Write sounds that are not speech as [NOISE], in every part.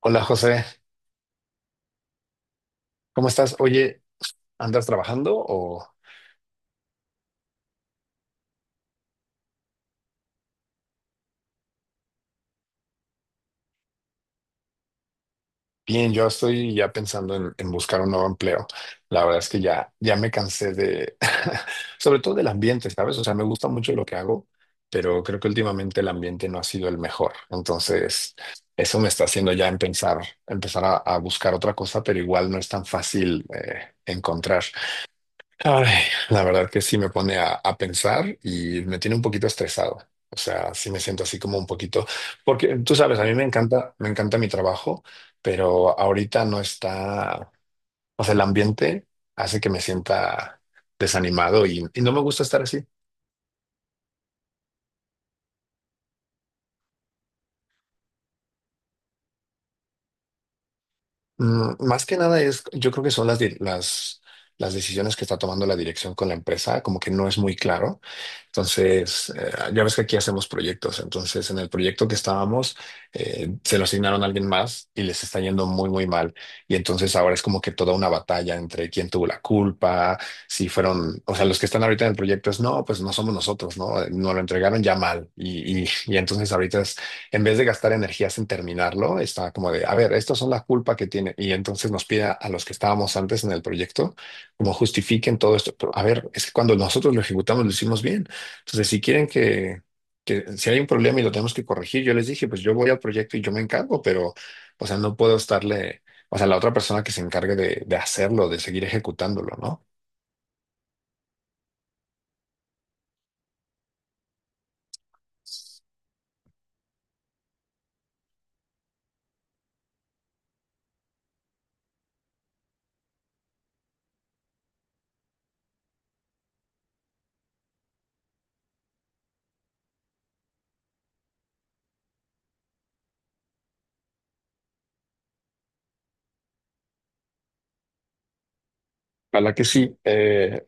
Hola José, ¿cómo estás? Oye, ¿andas trabajando o bien? Yo estoy ya pensando en buscar un nuevo empleo. La verdad es que ya me cansé de, [LAUGHS] sobre todo del ambiente, ¿sabes? O sea, me gusta mucho lo que hago, pero creo que últimamente el ambiente no ha sido el mejor. Entonces, eso me está haciendo ya en pensar, empezar a buscar otra cosa, pero igual no es tan fácil encontrar. Ay, la verdad que sí me pone a pensar y me tiene un poquito estresado. O sea, sí me siento así como un poquito, porque tú sabes, a mí me encanta mi trabajo, pero ahorita no está, o sea, el ambiente hace que me sienta desanimado y no me gusta estar así. Más que nada es, yo creo que son las las, decisiones que está tomando la dirección con la empresa, como que no es muy claro. Entonces, ya ves que aquí hacemos proyectos. Entonces, en el proyecto que estábamos, se lo asignaron a alguien más y les está yendo muy mal. Y entonces ahora es como que toda una batalla entre quién tuvo la culpa, si fueron, o sea, los que están ahorita en el proyecto es, no, pues no somos nosotros, ¿no? Nos lo entregaron ya mal. Y entonces ahorita es, en vez de gastar energías en terminarlo, está como de, a ver, estas son la culpa que tiene. Y entonces nos pide a los que estábamos antes en el proyecto, como justifiquen todo esto. Pero, a ver, es que cuando nosotros lo ejecutamos lo hicimos bien. Entonces, si quieren que si hay un problema y lo tenemos que corregir, yo les dije, pues yo voy al proyecto y yo me encargo, pero, o sea, no puedo estarle, o sea, la otra persona que se encargue de hacerlo, de seguir ejecutándolo, ¿no? Para que sí,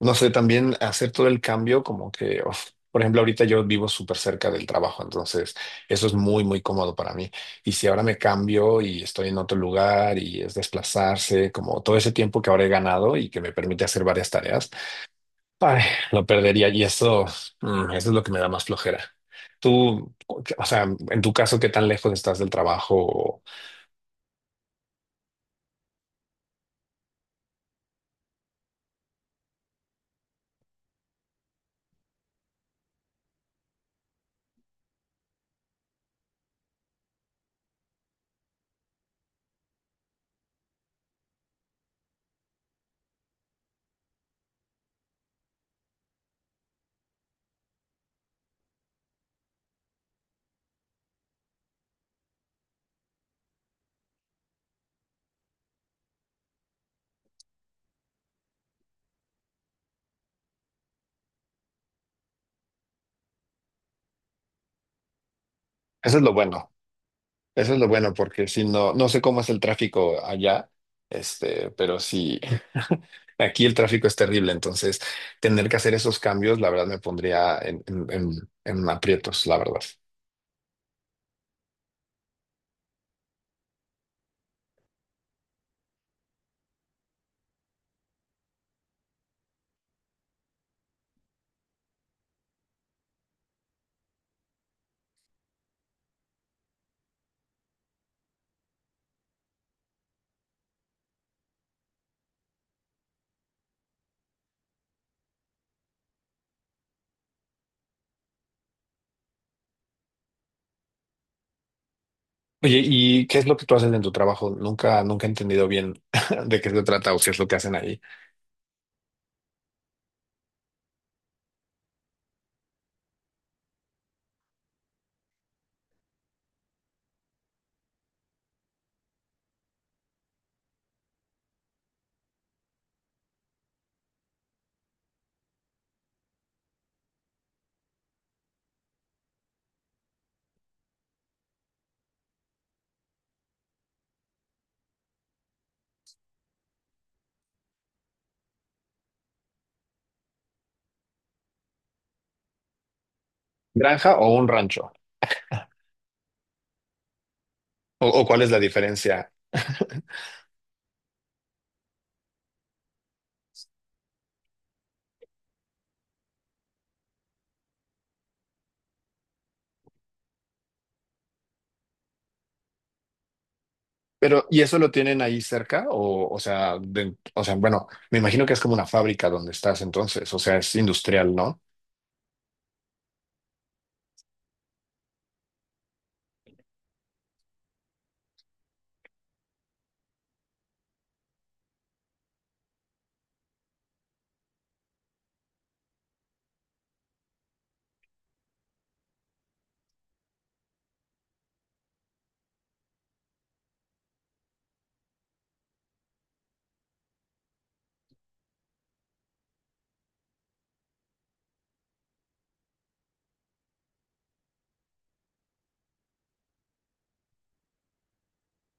no sé, también hacer todo el cambio, como que, uf, por ejemplo, ahorita yo vivo súper cerca del trabajo, entonces eso es muy cómodo para mí. Y si ahora me cambio y estoy en otro lugar y es desplazarse, como todo ese tiempo que ahora he ganado y que me permite hacer varias tareas. Ay, lo perdería y eso, eso es lo que me da más flojera. Tú, o sea, en tu caso, ¿qué tan lejos estás del trabajo? Eso es lo bueno, eso es lo bueno, porque si no, no sé cómo es el tráfico allá, este, pero sí, [LAUGHS] aquí el tráfico es terrible, entonces tener que hacer esos cambios, la verdad, me pondría en aprietos, la verdad. Oye, ¿y qué es lo que tú haces en tu trabajo? Nunca, nunca he entendido bien [LAUGHS] de qué se trata o qué es lo que hacen ahí. ¿Granja o un rancho? O, o cuál es la diferencia. [LAUGHS] Pero, ¿y eso lo tienen ahí cerca? O sea, de- o sea, bueno, me imagino que es como una fábrica donde estás entonces, o sea, es industrial, ¿no?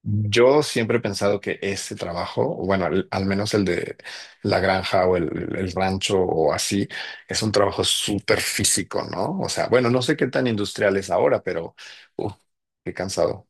Yo siempre he pensado que ese trabajo, o bueno, al, al menos el de la granja o el rancho o así, es un trabajo súper físico, ¿no? O sea, bueno, no sé qué tan industrial es ahora, pero, uf, qué cansado.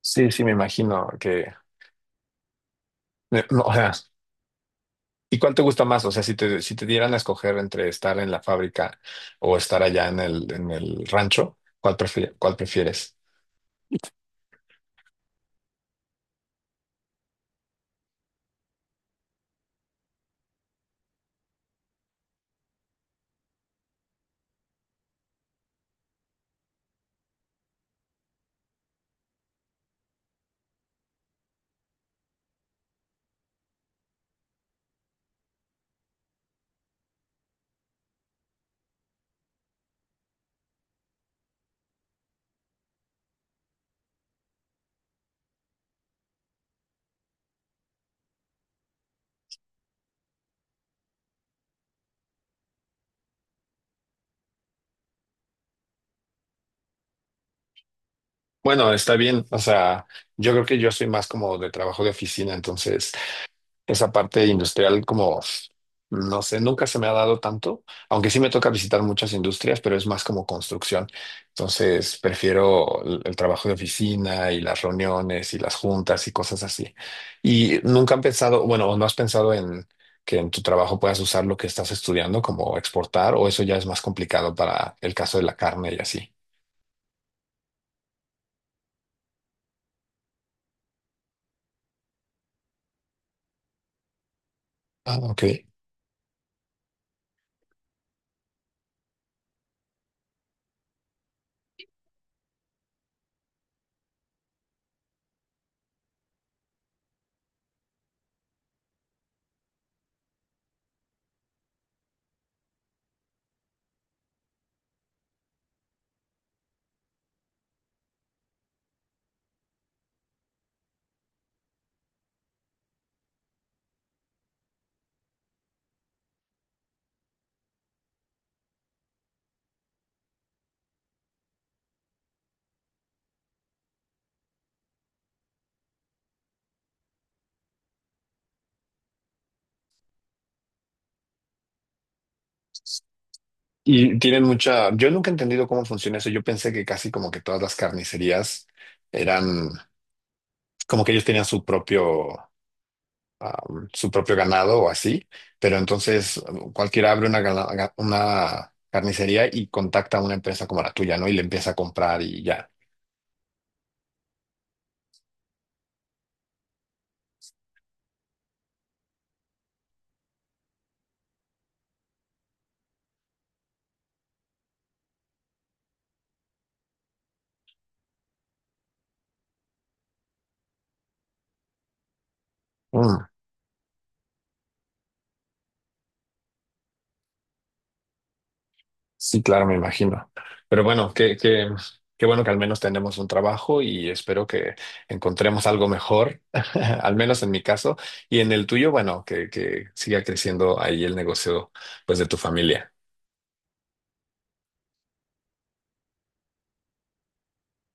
Sí, sí, me imagino que, me- no, [LAUGHS] o sea, ¿y cuál te gusta más? O sea, si te, si te dieran a escoger entre estar en la fábrica o estar allá en el rancho, ¿cuál prefi- cuál prefieres? Bueno, está bien. O sea, yo creo que yo soy más como de trabajo de oficina, entonces esa parte industrial como, no sé, nunca se me ha dado tanto, aunque sí me toca visitar muchas industrias, pero es más como construcción. Entonces, prefiero el trabajo de oficina y las reuniones y las juntas y cosas así. ¿Y nunca han pensado, bueno, o no has pensado en que en tu trabajo puedas usar lo que estás estudiando como exportar o eso ya es más complicado para el caso de la carne y así? Ah, ok. Y tienen mucha, yo nunca he entendido cómo funciona eso. Yo pensé que casi como que todas las carnicerías eran como que ellos tenían su propio, su propio ganado o así, pero entonces cualquiera abre una, gala- ga- una carnicería y contacta a una empresa como la tuya, ¿no? Y le empieza a comprar y ya. Mm, sí, claro, me imagino. Pero bueno, qué, qué, qué bueno que al menos tenemos un trabajo y espero que encontremos algo mejor, [LAUGHS] al menos en mi caso, y en el tuyo, bueno, que siga creciendo ahí el negocio, pues, de tu familia.